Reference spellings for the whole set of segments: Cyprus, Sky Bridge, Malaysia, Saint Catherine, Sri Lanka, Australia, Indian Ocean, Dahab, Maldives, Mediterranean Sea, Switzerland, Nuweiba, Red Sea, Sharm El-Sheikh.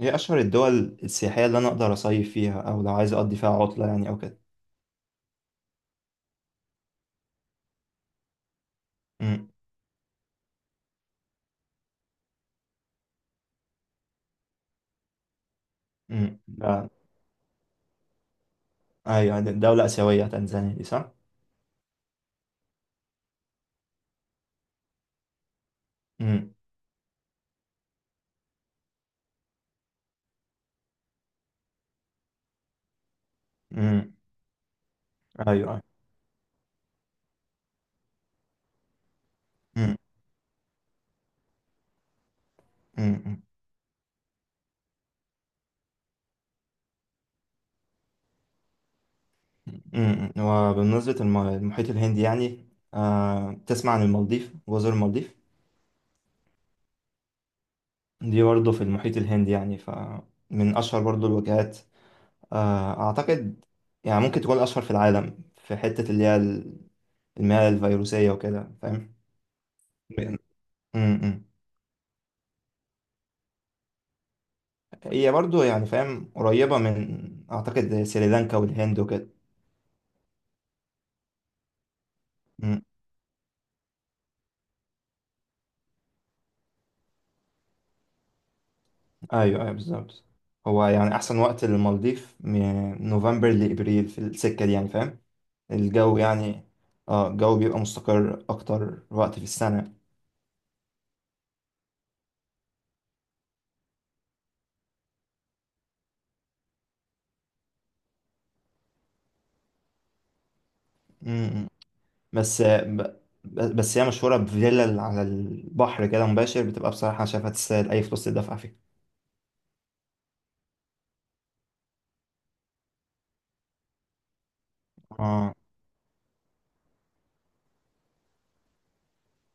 هي أشهر الدول السياحية اللي أنا أقدر أصيف فيها أو لو عايز أقضي فيها عطلة يعني أو كده. أمم. أمم. آه. أيوة، يعني دولة آسيوية تنزانيا دي، صح؟ أمم. أمم. أيوة. أمم. أمم. وبالنسبة للمحيط الهندي يعني، آه، تسمع عن المالديف، جزر المالديف دي برضه في المحيط الهندي، يعني فمن أشهر برضه الوجهات. آه، أعتقد يعني ممكن تكون أشهر في العالم في حتة اللي هي المياه الفيروسية وكده، فاهم؟ أمم. أمم. هي برضو يعني فاهم قريبة من أعتقد سريلانكا والهند وكده. مم. أيوه، أيوه، بالظبط. هو يعني أحسن وقت للمالديف من نوفمبر لإبريل في السكة دي، يعني فاهم، الجو يعني. اه الجو بيبقى مستقر أكتر وقت في السنة. مم. بس ب- بس هي مشهورة بفيلا على البحر كده مباشر، بتبقى بصراحة أنا شايفها تستاهل أي فلوس تدفع فيها. اه،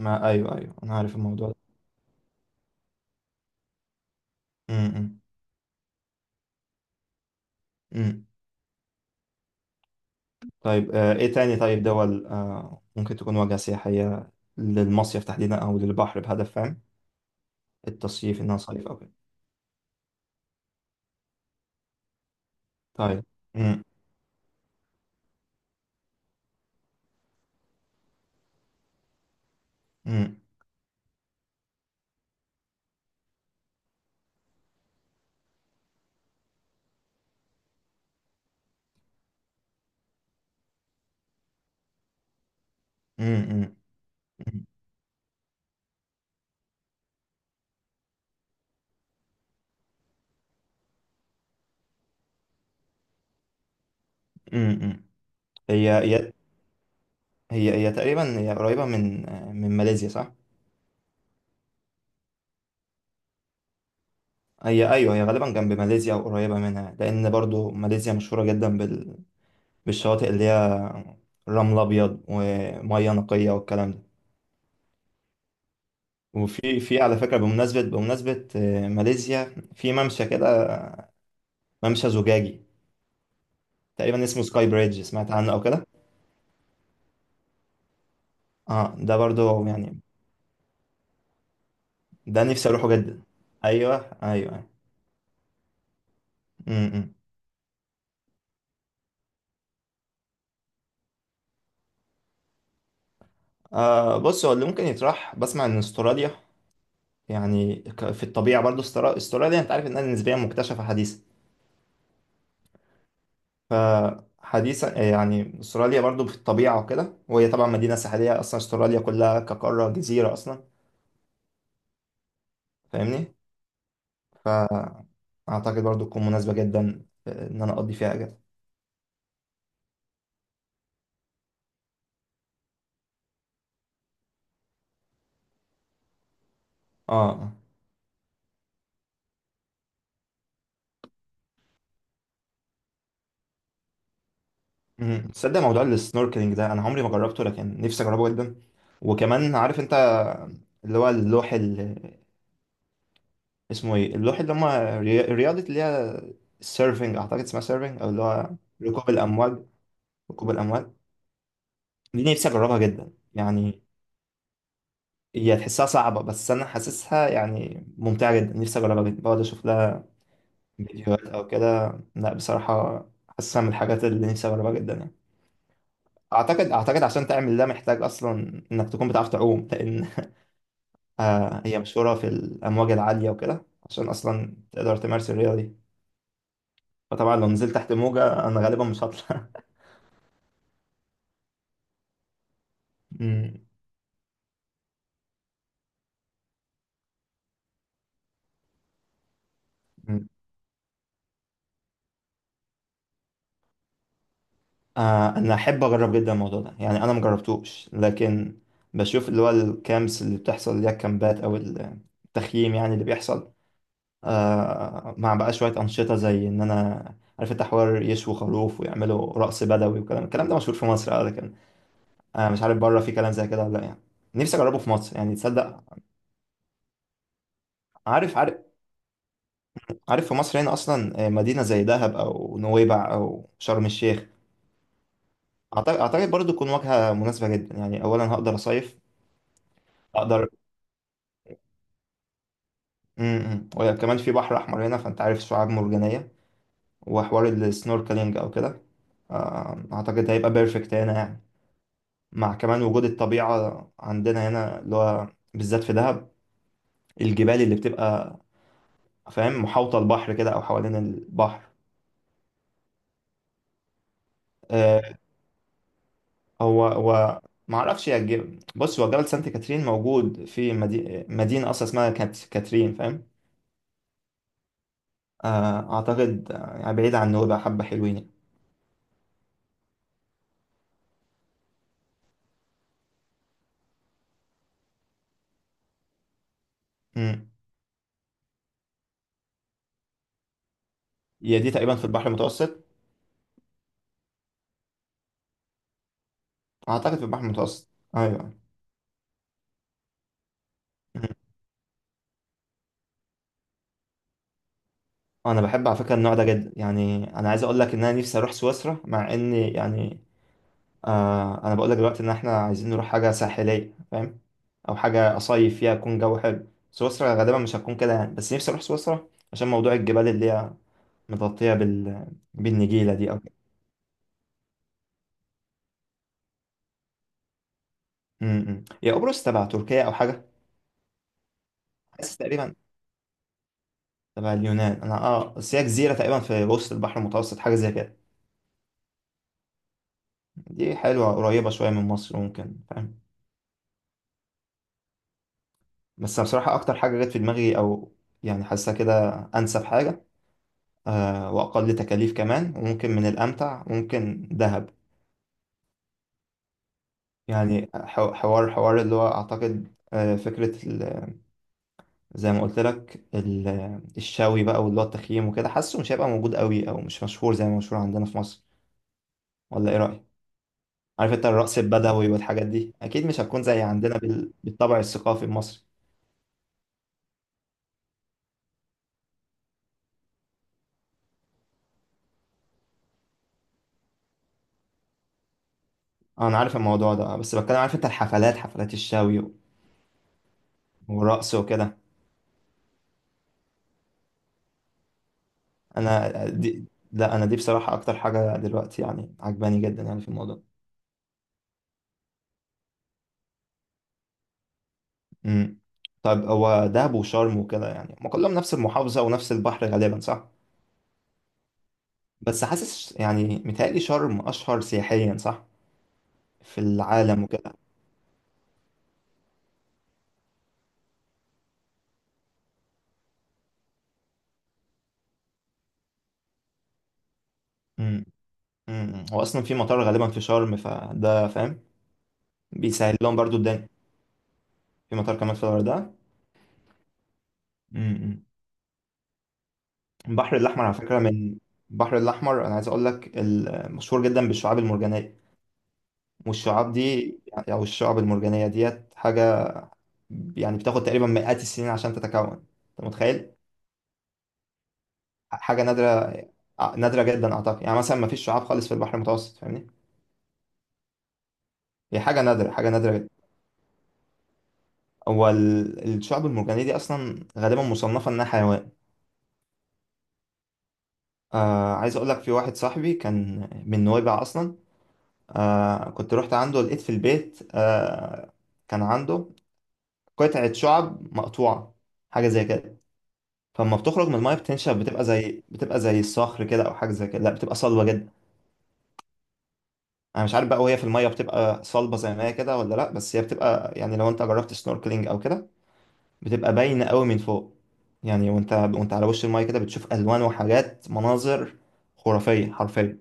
ما أيوه أيوه أنا عارف الموضوع ده. مم. مم. طيب آه، ايه تاني؟ طيب دول آه، ممكن تكون واجهة سياحية للمصيف تحديدا او للبحر بهدف، فاهم، التصيف انها صيف او كده. طيب. مم. مم. مم. مم. مم. مم. مم. هي هي هي هي تقريبا هي قريبة من آه، من ماليزيا، صح؟ هي، ايوه، هي غالبا جنب ماليزيا او قريبة منها، لان برضو ماليزيا مشهورة جدا بالشواطئ اللي هي رمل ابيض ومية نقية والكلام ده. وفي على فكرة، بمناسبة آه، ماليزيا في ممشى كده، ممشى زجاجي تقريبا اسمه سكاي بريدج، سمعت عنه او كده؟ اه ده برضو يعني، ده نفسي اروحه جدا. ايوه. ايوه. امم. آه بص، هو اللي ممكن يطرح، بسمع ان استراليا يعني في الطبيعه برضو، استراليا انت عارف انها نسبيا مكتشفه حديثا. فحديثا آه، يعني استراليا برضو في الطبيعه وكده، وهي طبعا مدينه ساحليه اصلا، استراليا كلها كقاره جزيره اصلا، فاهمني؟ اعتقد برضو تكون مناسبه جدا آه، ان انا اقضي فيها اجازه. اه. آه. مم. تصدق موضوع السنوركلينج ده، انا عمري ما جربته لكن نفسي اجربه جدا. وكمان عارف انت اللي هو اللوح اللي اسمه ايه، اللوح اللي هم رياضة اللي هي السيرفنج، اعتقد اسمها سيرفنج، او اللي هو ركوب الامواج. ركوب الامواج دي نفسي اجربها جدا يعني. هي تحسها صعبة، بس انا حاسسها يعني ممتعة جدا، نفسي اجربها جدا، بقعد اشوف لها فيديوهات او كده. لا بصراحة حاسسها من الحاجات اللي نفسي اجربها جدا يعني. اعتقد عشان تعمل ده محتاج اصلا انك تكون بتعرف تعوم، لان آه، هي مشهورة في الأمواج العالية وكده، عشان أصلا تقدر تمارس الرياضة دي. فطبعا لو نزلت تحت موجة أنا غالبا مش هطلع. أمم. أمم. آه، أنا أحب أجرب جدا الموضوع ده يعني، أنا مجربتوش لكن بشوف اللي هو الكامبس اللي بتحصل، اللي هي الكامبات أو التخييم يعني اللي بيحصل، آه، مع بقى شوية أنشطة زي إن أنا عارف انت، حوار يشوي خروف ويعملوا رقص بدوي وكلام، الكلام ده مشهور في مصر اه، لكن آه مش عارف بره في كلام زي كده ولا لا يعني. نفسي اجربه في مصر يعني، تصدق. عارف عارف، عارف في مصر هنا اصلا آه، مدينه زي دهب او نويبع او شرم الشيخ، اعتقد برضه تكون واجهه مناسبه جدا يعني، اولا هقدر اصيف، اقدر. وكمان في بحر احمر هنا، فانت عارف شعاب مرجانيه، وحوار السنوركلينج او كده، آه، اعتقد هيبقى بيرفكت هنا يعني، مع كمان وجود الطبيعه عندنا هنا، اللي هو بالذات في دهب، الجبال اللي بتبقى فاهم محاوطه البحر كده، او حوالين البحر. آه، هو هو ما اعرفش يا جبل. بص، هو جبل سانت كاترين موجود في مدينه اصلا اسمها كانت كاترين، فاهم. آه، اعتقد آه، يعني بعيد عن نوبة، حبه حلوين يعني. امم. هي دي تقريبا في البحر المتوسط، اعتقد في البحر المتوسط. ايوه. مم. انا بحب على فكره النوع ده جدا، يعني انا عايز اقول لك ان انا نفسي اروح سويسرا، مع ان يعني آه انا بقول لك دلوقتي ان احنا عايزين نروح حاجه ساحليه فاهم، او حاجه اصيف فيها يكون جو حلو، سويسرا غالبا مش هتكون كده يعني، بس نفسي اروح سويسرا عشان موضوع الجبال اللي هي متغطية بال... بالنجيلة دي أو كده. م-م. هي قبرص تبع تركيا أو حاجة، حاسس تقريبا تبع اليونان أنا. أه، بس هي جزيرة تقريبا في وسط البحر المتوسط، حاجة زي كده. دي حلوة قريبة شوية من مصر ممكن، فاهم. بس أنا بصراحة أكتر حاجة جت في دماغي، أو يعني حاسة كده أنسب حاجة، أه، وأقل تكاليف كمان، وممكن من الأمتع، ممكن دهب. يعني حوار اللي هو أعتقد آه، فكرة زي ما قلت لك الشوي بقى، واللي هو التخييم وكده، حاسه مش هيبقى موجود قوي او مش مشهور زي ما مشهور عندنا في مصر، ولا ايه رأيك؟ عارف انت الرقص البدوي والحاجات دي اكيد مش هتكون زي عندنا بالطبع الثقافي المصري. آه، انا عارف الموضوع ده، آه، بس بتكلم عارف انت، الحفلات، حفلات الشوي والرقص وكده. انا آه، دي لا، انا دي بصراحة اكتر حاجة دلوقتي يعني عجباني جدا يعني في الموضوع. امم. طيب هو دهب وشرم وكده يعني، ما كلهم نفس المحافظة ونفس البحر غالبا، صح؟ بس حاسس يعني، متهيألي شرم أشهر سياحيا، صح؟ في العالم وكده. امم. امم. هو أصلا في مطار غالبا في شرم، فده فاهم، بيسهل لهم برضو الدنيا. في مطار كمان في الغردقة. امم. البحر الأحمر على فكرة من، البحر الأحمر أنا عايز أقول لك مشهور جدا بالشعاب المرجانية، والشعاب دي يعني، أو الشعاب المرجانية ديت حاجة، يعني بتاخد تقريبا مئات السنين عشان تتكون، أنت متخيل. حاجة نادرة، نادرة جدا أعتقد يعني، مثلا ما فيش شعاب خالص في البحر المتوسط، فاهمني. هي حاجة نادرة، حاجة نادرة جدا. هو الشعب المرجانية دي أصلا غالبا مصنفة إنها حيوان. آه عايز أقول لك، في واحد صاحبي كان من نويبع أصلا، آه كنت رحت عنده لقيت في البيت آه، كان عنده قطعة شعب مقطوعة، حاجة زي كده. فلما بتخرج من المية بتنشف بتبقى زي الصخر كده أو حاجة زي كده، لا بتبقى صلبة جدا. أنا مش عارف بقى، وهي في المية بتبقى صلبة زي ما هي كده ولا لا، بس هي بتبقى يعني لو أنت جربت سنوركلينج أو كده، بتبقى باينة قوي من فوق يعني. وانت على وش المايه كده بتشوف الوان وحاجات، مناظر خرافية حرفيا.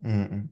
م. م.